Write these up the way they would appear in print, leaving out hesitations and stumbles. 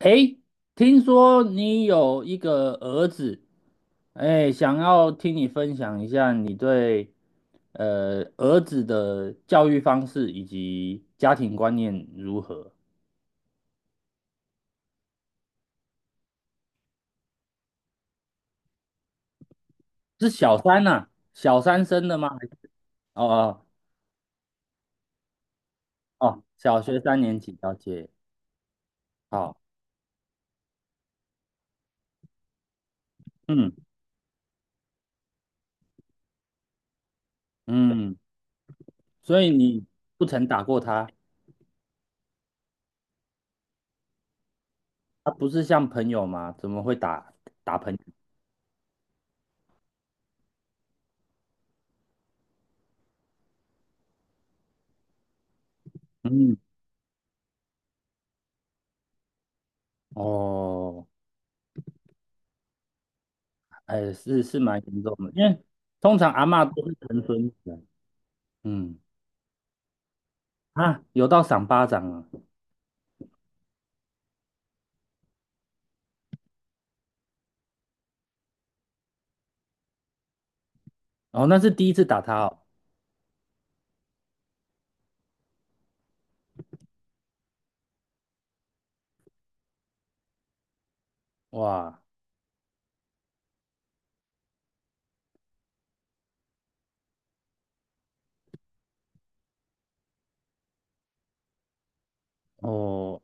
诶，听说你有一个儿子，诶，想要听你分享一下你对儿子的教育方式以及家庭观念如何？是小三呐、啊，小三生的吗？还是哦哦哦，小学三年级，了解。好，嗯嗯，所以你不曾打过他，他不是像朋友吗？怎么会打朋友？嗯，哦。哎，是蛮严重的，因为通常阿嬷都会疼孙子啊。嗯啊，有到赏巴掌啊！哦，那是第一次打他哦。哇，哦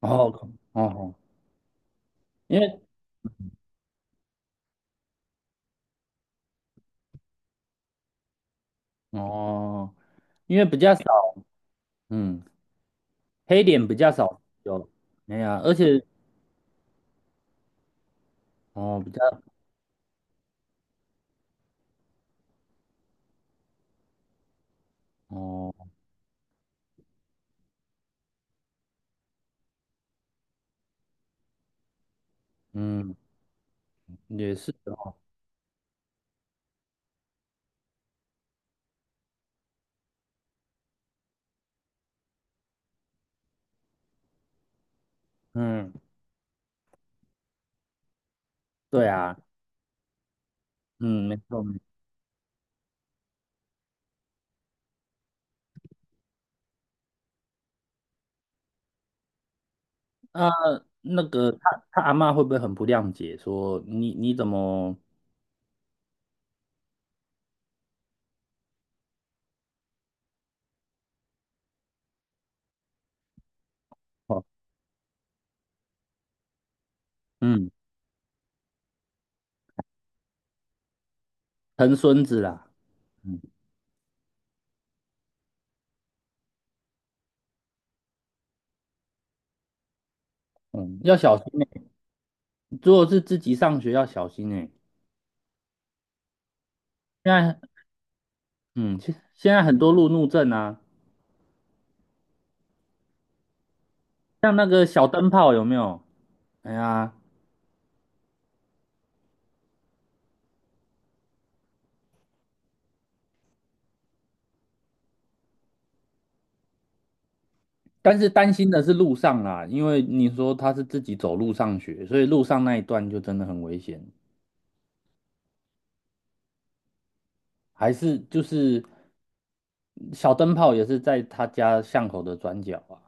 哦哦，哦因为哦，因为比较少，嗯，黑脸比较少有，哎呀，而且哦比较哦，嗯，也是哦，嗯，对啊，嗯，没错没错。那、那个他阿嬷会不会很不谅解，说你怎么哦，嗯，疼孙子啦？嗯嗯，要小心欸如果是自己上学要小心哎。现在嗯，现在很多路怒症啊，像那个小灯泡有没有？哎呀，但是担心的是路上啊，因为你说他是自己走路上学，所以路上那一段就真的很危险。还是就是小灯泡也是在他家巷口的转角啊，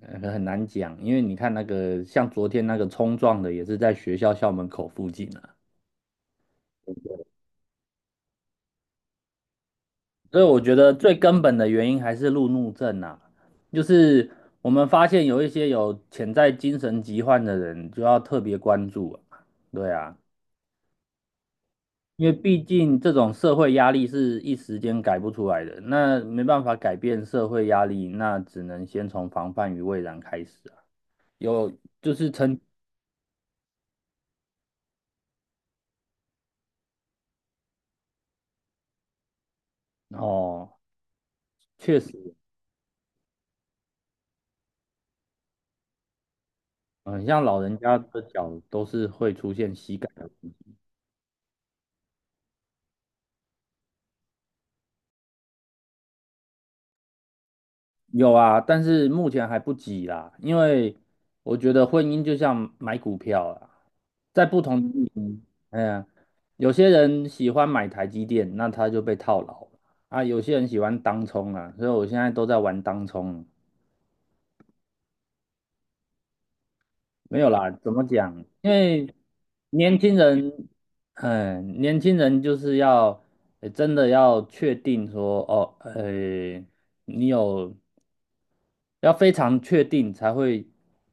很难讲，因为你看那个像昨天那个冲撞的也是在学校校门口附近。所以我觉得最根本的原因还是路怒症啊，就是我们发现有一些有潜在精神疾患的人，就要特别关注啊。对啊，因为毕竟这种社会压力是一时间改不出来的，那没办法改变社会压力，那只能先从防范于未然开始啊。有就是曾哦，确实，嗯，像老人家的脚都是会出现膝盖。有啊，但是目前还不急啦，因为我觉得婚姻就像买股票啊，在不同的地方，哎呀，有些人喜欢买台积电，那他就被套牢了啊；有些人喜欢当冲啊，所以我现在都在玩当冲。没有啦，怎么讲？因为年轻人，嗯，年轻人就是要，真的要确定说，哦，你有要非常确定才会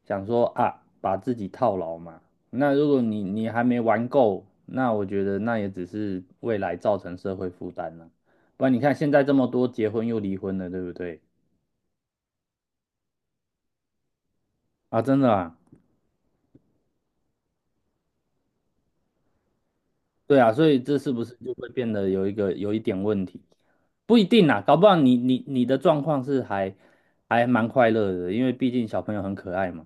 想说啊，把自己套牢嘛。那如果你还没玩够，那我觉得那也只是未来造成社会负担了。不然你看现在这么多结婚又离婚的，对不对？啊，真的啊。对啊，所以这是不是就会变得有一个有一点问题？不一定啦，搞不好你的状况是还蛮快乐的，因为毕竟小朋友很可爱嘛。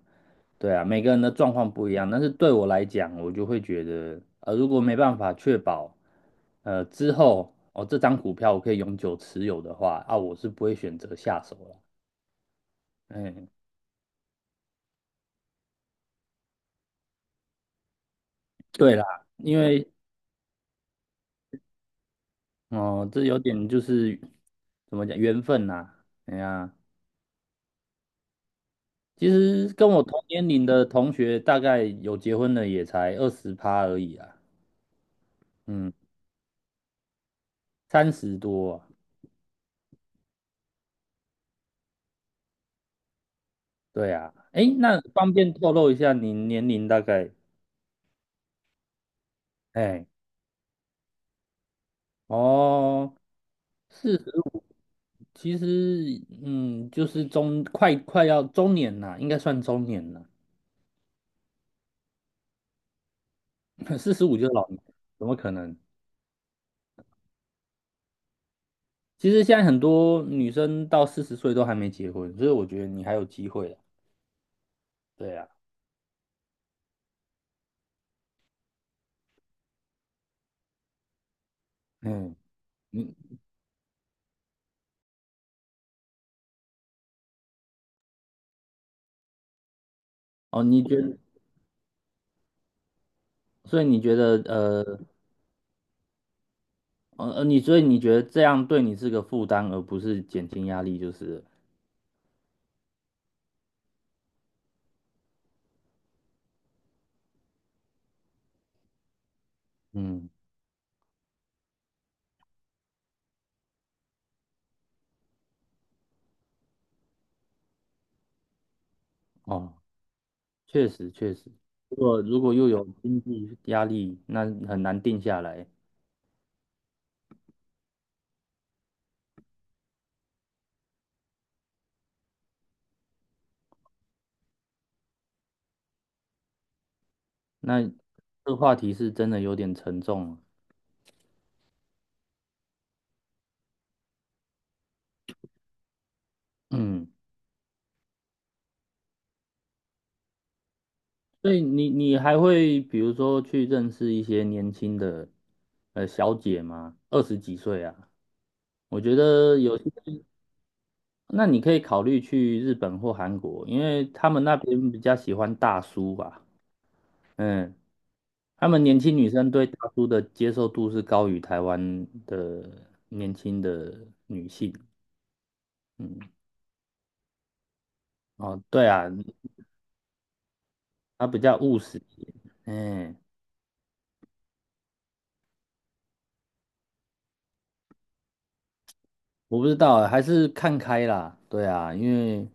对啊，每个人的状况不一样，但是对我来讲，我就会觉得，如果没办法确保，之后哦这张股票我可以永久持有的话，啊，我是不会选择下手了。嗯，对啦，因为哦，这有点就是怎么讲缘分呐、哎呀。其实跟我同年龄的同学，大概有结婚的也才20趴而已啊，嗯，30多啊，对啊，哎，那方便透露一下你年龄大概？哎，哦，四十，其实嗯，就是快要中年啦，应该算中年了，45就是老年，怎么可能？其实现在很多女生到40岁都还没结婚，所以我觉得你还有机会的，对啊，嗯。你哦，你觉得，所以你觉得，你所以你觉得这样对你是个负担，而不是减轻压力，就是了嗯，哦，确实确实，如果又有经济压力，那很难定下来，那这话题是真的有点沉重了嗯，所以你还会比如说去认识一些年轻的小姐吗？20几岁啊，我觉得有些，那你可以考虑去日本或韩国，因为他们那边比较喜欢大叔吧。嗯，他们年轻女生对大叔的接受度是高于台湾的年轻的女性。嗯，哦，对啊，他比较务实一点哎我不知道，还是看开啦。对啊，因为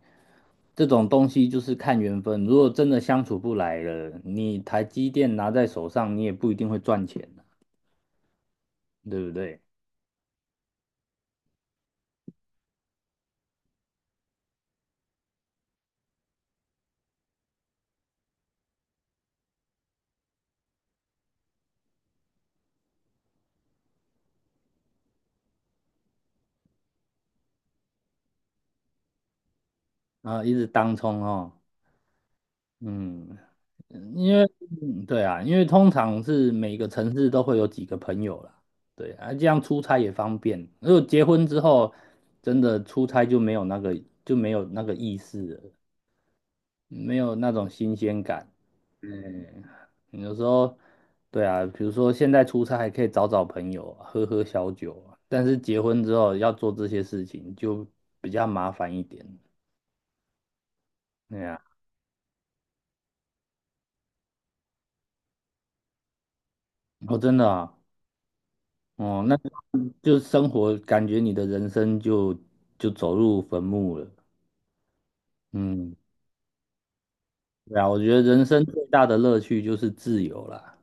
这种东西就是看缘分。如果真的相处不来了，你台积电拿在手上，你也不一定会赚钱，对不对？啊，一直当冲哦。嗯，因为对啊，因为通常是每个城市都会有几个朋友啦，对啊，这样出差也方便。如果结婚之后，真的出差就没有那个就没有那个意思了，没有那种新鲜感。嗯，有时候对啊，比如说现在出差还可以找找朋友啊喝喝小酒啊但是结婚之后要做这些事情就比较麻烦一点。对啊，我真的啊。哦，那就生活感觉你的人生就走入坟墓了。嗯，对啊，我觉得人生最大的乐趣就是自由啦。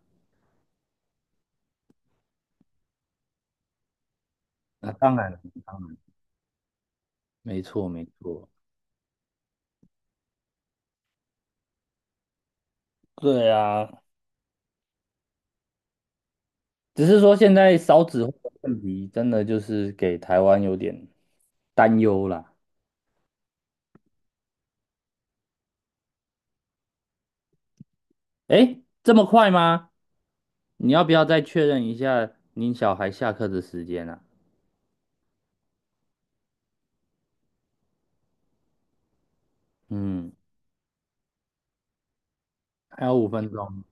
那、当然了，当然，没错没错。对啊，只是说现在少子化的问题真的就是给台湾有点担忧啦。诶，这么快吗？你要不要再确认一下您小孩下课的时间啊？嗯，还有5分钟。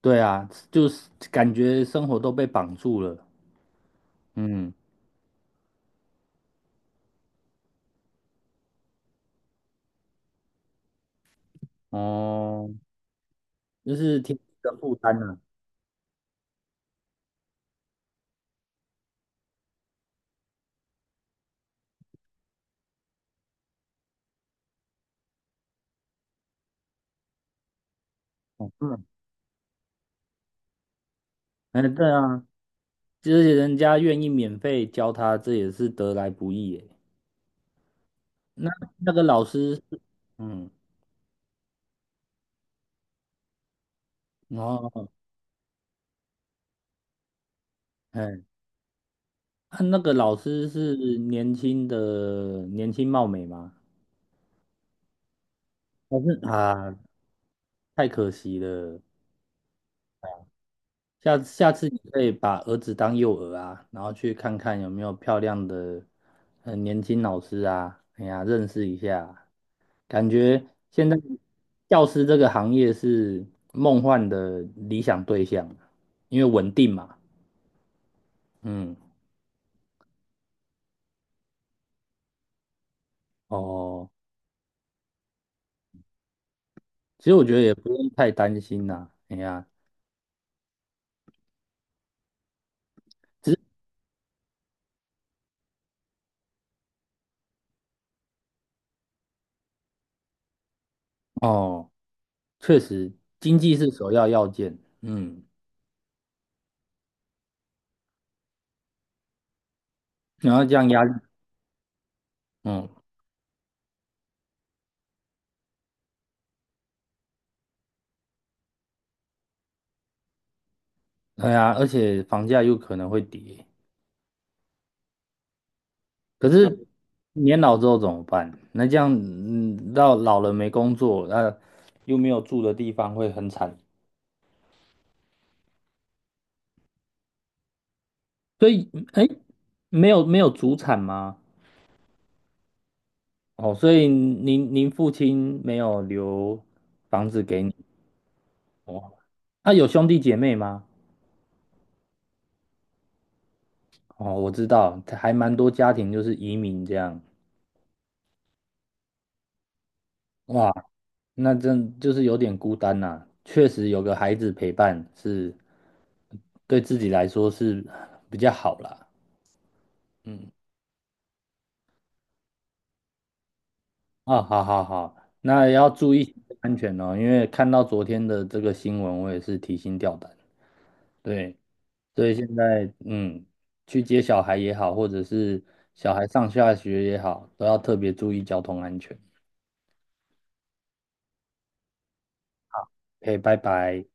对啊，就是感觉生活都被绑住了。嗯，哦，就是挺的负担呢、嗯，哎，对啊，就是人家愿意免费教他，这也是得来不易耶。那那个老师是嗯，哦，后，哎，啊那个老师是年轻的，年轻貌美吗？还是啊，太可惜了。下次你可以把儿子当诱饵啊，然后去看看有没有漂亮的很年轻老师啊，哎呀，认识一下。感觉现在教师这个行业是梦幻的理想对象，因为稳定嘛。嗯，哦，其实我觉得也不用太担心啦。哎呀，只是哦，确实经济是首要要件。嗯，然后这样压力，嗯，哎呀，而且房价有可能会跌。可是年老之后怎么办？那这样，嗯，到老了没工作，那、又没有住的地方，会很惨。所以，哎，没有没有祖产吗？哦，所以您父亲没有留房子给你哦？啊，有兄弟姐妹吗？哦，我知道，还蛮多家庭就是移民这样。哇，那真就是有点孤单呐、确实有个孩子陪伴是对自己来说是比较好啦。嗯。啊，好好好，那也要注意安全哦，因为看到昨天的这个新闻，我也是提心吊胆。对，所以现在嗯，去接小孩也好，或者是小孩上下学也好，都要特别注意交通安全。o 拜拜。